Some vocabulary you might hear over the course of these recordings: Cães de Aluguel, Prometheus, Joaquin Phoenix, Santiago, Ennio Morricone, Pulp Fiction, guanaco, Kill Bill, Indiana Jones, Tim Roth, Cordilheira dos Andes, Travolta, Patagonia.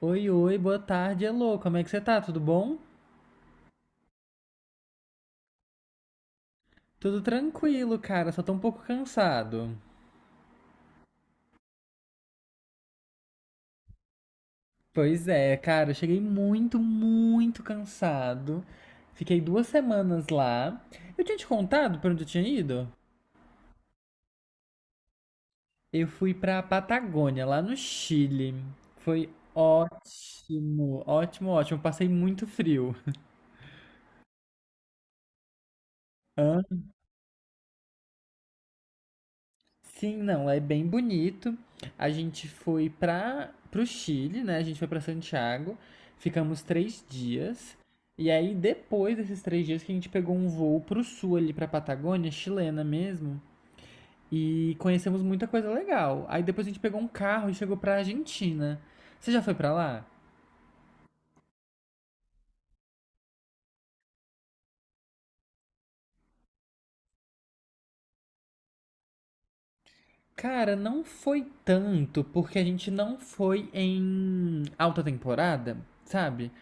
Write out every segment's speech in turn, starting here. Oi, oi, boa tarde, alô, como é que você tá? Tudo bom? Tudo tranquilo, cara, só tô um pouco cansado. Pois é, cara, eu cheguei muito, muito cansado. Fiquei 2 semanas lá. Eu tinha te contado pra onde eu tinha ido? Eu fui pra Patagônia, lá no Chile. Foi ótimo, ótimo, ótimo. Passei muito frio. Sim, não, é bem bonito. A gente foi para o Chile, né? A gente foi para Santiago, ficamos 3 dias. E aí, depois desses 3 dias, que a gente pegou um voo pro sul ali, pra Patagônia, chilena mesmo. E conhecemos muita coisa legal. Aí depois a gente pegou um carro e chegou pra Argentina. Você já foi pra lá? Cara, não foi tanto, porque a gente não foi em alta temporada, sabe?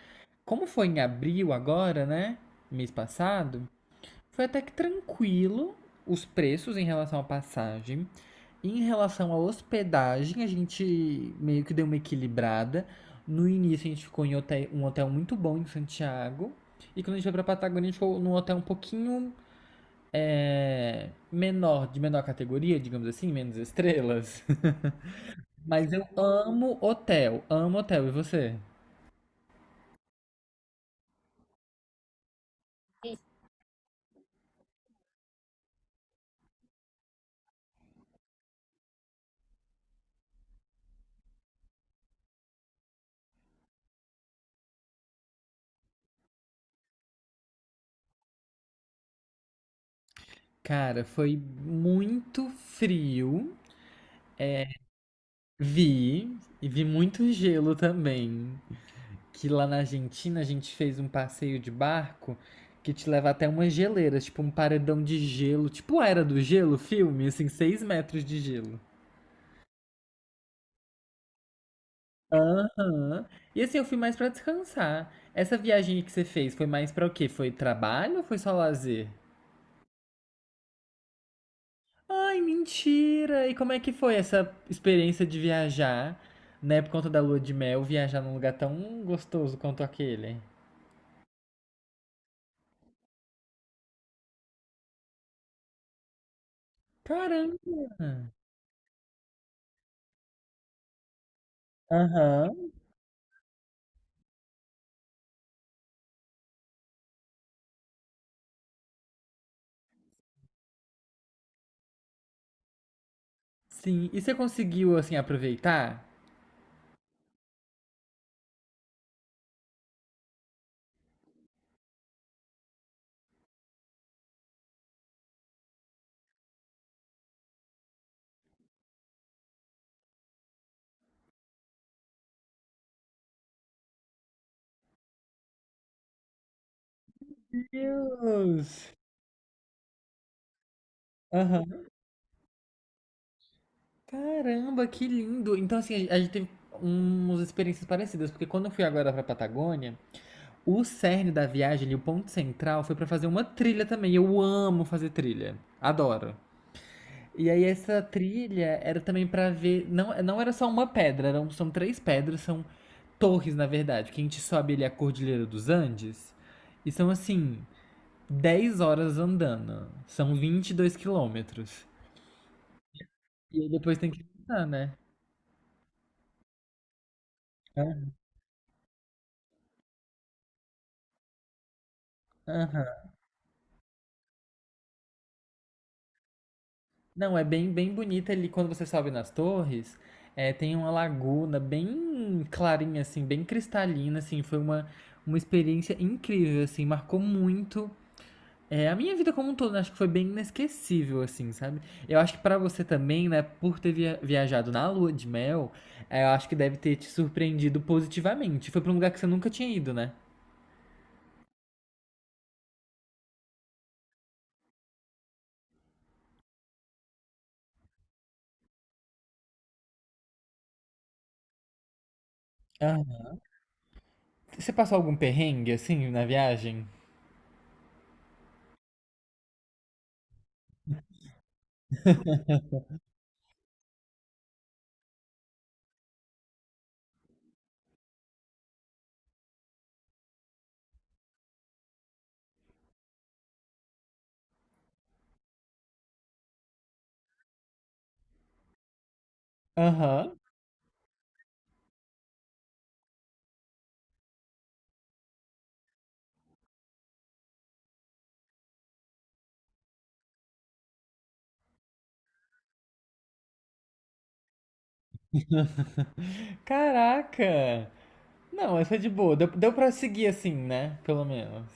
Como foi em abril agora, né? Mês passado. Foi até que tranquilo os preços em relação à passagem. Em relação à hospedagem, a gente meio que deu uma equilibrada. No início, a gente ficou em um hotel muito bom em Santiago. E quando a gente foi pra Patagônia, a gente ficou num hotel um pouquinho menor, de menor categoria, digamos assim, menos estrelas. Mas eu amo hotel, amo hotel. E você? Cara, foi muito frio. Vi, e vi muito gelo também. Que lá na Argentina a gente fez um passeio de barco que te leva até umas geleiras, tipo um paredão de gelo, tipo a Era do Gelo, filme, assim, 6 metros de gelo. Aham. E assim, eu fui mais pra descansar. Essa viagem que você fez foi mais pra o quê? Foi trabalho ou foi só lazer? Ai, mentira! E como é que foi essa experiência de viajar, né, por conta da lua de mel, viajar num lugar tão gostoso quanto aquele? Caramba! Aham. Sim, e você conseguiu, assim, aproveitar? Deus! Aham. Caramba, que lindo! Então, assim, a gente teve umas experiências parecidas, porque quando eu fui agora pra Patagônia, o cerne da viagem ali, o ponto central, foi pra fazer uma trilha também. Eu amo fazer trilha, adoro. E aí, essa trilha era também pra ver. Não, não era só uma pedra, eram, são três pedras, são torres, na verdade, que a gente sobe ali a Cordilheira dos Andes. E são assim, 10 horas andando. São 22 quilômetros. E aí depois tem que voltar, né? Ah. Aham. Não, é bem, bem bonita ali. Quando você sobe nas torres, tem uma laguna bem clarinha, assim, bem cristalina, assim. Foi uma experiência incrível, assim. Marcou muito. É, a minha vida como um todo, né? Acho que foi bem inesquecível, assim, sabe? Eu acho que pra você também, né, por ter viajado na lua de mel, eu acho que deve ter te surpreendido positivamente. Foi pra um lugar que você nunca tinha ido, né? Você passou algum perrengue assim na viagem? Aham. Caraca! Não, essa é de boa. Deu pra seguir assim, né? Pelo menos.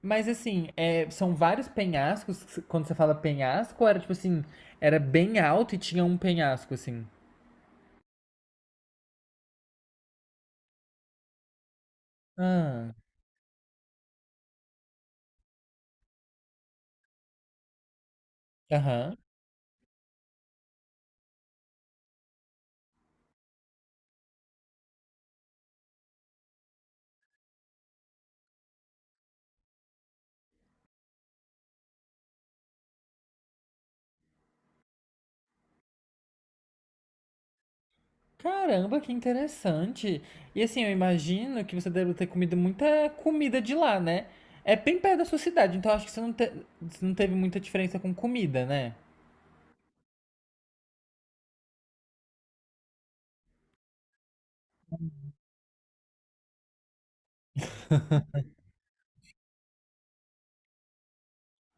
Mas assim, são vários penhascos. Quando você fala penhasco, era tipo assim, era bem alto e tinha um penhasco, assim. Ah, aham. Caramba, que interessante. E assim, eu imagino que você deve ter comido muita comida de lá, né? É bem perto da sua cidade, então acho que você não teve muita diferença com comida, né?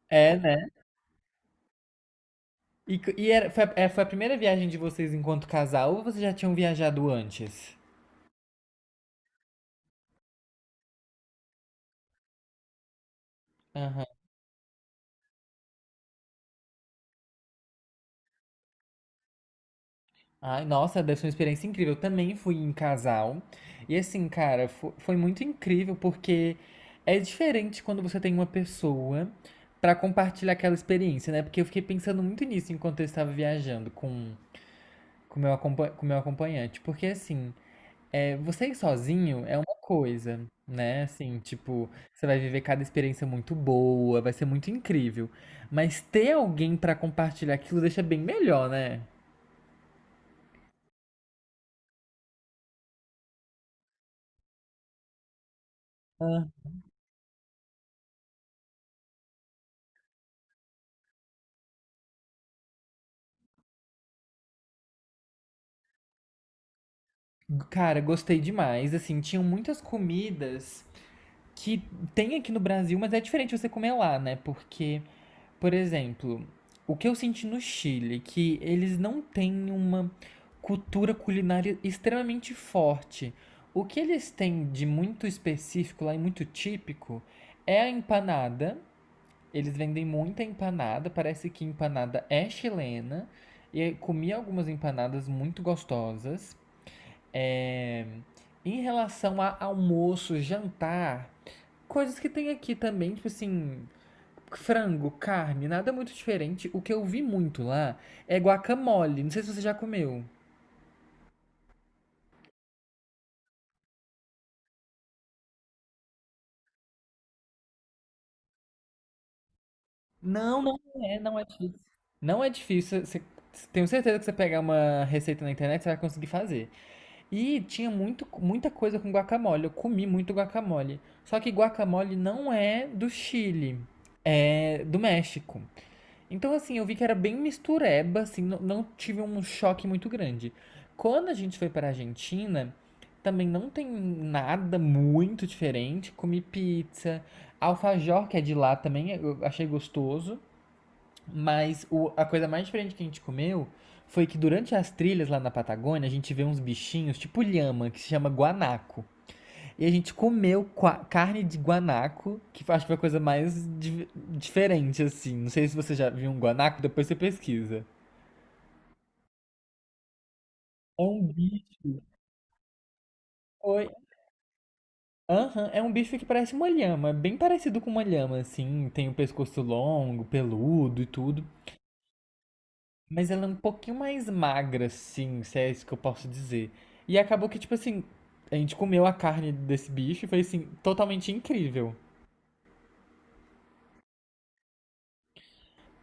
É, né? E, c- e era, foi, a, é, foi a primeira viagem de vocês enquanto casal ou vocês já tinham viajado antes? Aham. Ai, nossa, deve ser uma experiência incrível. Eu também fui em casal. E assim, cara, foi, muito incrível porque é diferente quando você tem uma pessoa pra compartilhar aquela experiência, né? Porque eu fiquei pensando muito nisso enquanto eu estava viajando com meu acompanhante. Porque assim, você ir sozinho é uma coisa, né? Assim, tipo, você vai viver cada experiência muito boa, vai ser muito incrível. Mas ter alguém pra compartilhar aquilo deixa bem melhor, né? Ah. Cara, gostei demais. Assim, tinham muitas comidas que tem aqui no Brasil, mas é diferente você comer lá, né? Porque, por exemplo, o que eu senti no Chile, que eles não têm uma cultura culinária extremamente forte. O que eles têm de muito específico lá e muito típico é a empanada. Eles vendem muita empanada, parece que empanada é chilena. E eu comi algumas empanadas muito gostosas. É, Em relação a almoço, jantar, coisas que tem aqui também, tipo assim, frango, carne, nada muito diferente. O que eu vi muito lá é guacamole. Não sei se você já comeu. Não, não é difícil. Não é difícil. Tenho certeza que você pegar uma receita na internet, você vai conseguir fazer. E tinha muito, muita coisa com guacamole. Eu comi muito guacamole. Só que guacamole não é do Chile, é do México. Então, assim, eu vi que era bem mistureba, assim, não, não tive um choque muito grande. Quando a gente foi para a Argentina, também não tem nada muito diferente. Comi pizza, alfajor, que é de lá também, eu achei gostoso. Mas a coisa mais diferente que a gente comeu foi que durante as trilhas lá na Patagônia, a gente vê uns bichinhos tipo lhama, que se chama guanaco. E a gente comeu carne de guanaco, que eu acho que foi a coisa mais diferente, assim. Não sei se você já viu um guanaco, depois você pesquisa. É um bicho. Oi. Aham, é um bicho que parece uma lhama, bem parecido com uma lhama, assim. Tem o pescoço longo, peludo e tudo. Mas ela é um pouquinho mais magra, assim, se é isso que eu posso dizer. E acabou que, tipo assim, a gente comeu a carne desse bicho e foi, assim, totalmente incrível.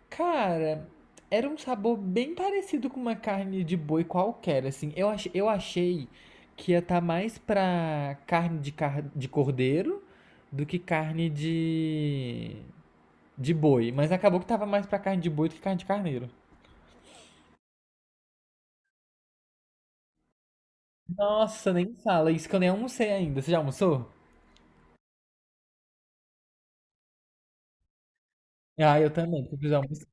Cara, era um sabor bem parecido com uma carne de boi qualquer, assim. Eu achei que ia estar mais pra carne de cordeiro do que carne de boi. Mas acabou que tava mais pra carne de boi do que carne de carneiro. Nossa, nem fala. Isso que eu nem almocei ainda. Você já almoçou? Ah, eu também, porque eu preciso almoçar.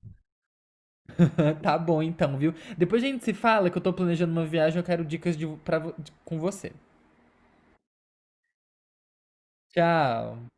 Tá bom então, viu? Depois a gente se fala que eu tô planejando uma viagem, eu quero dicas com você. Tchau.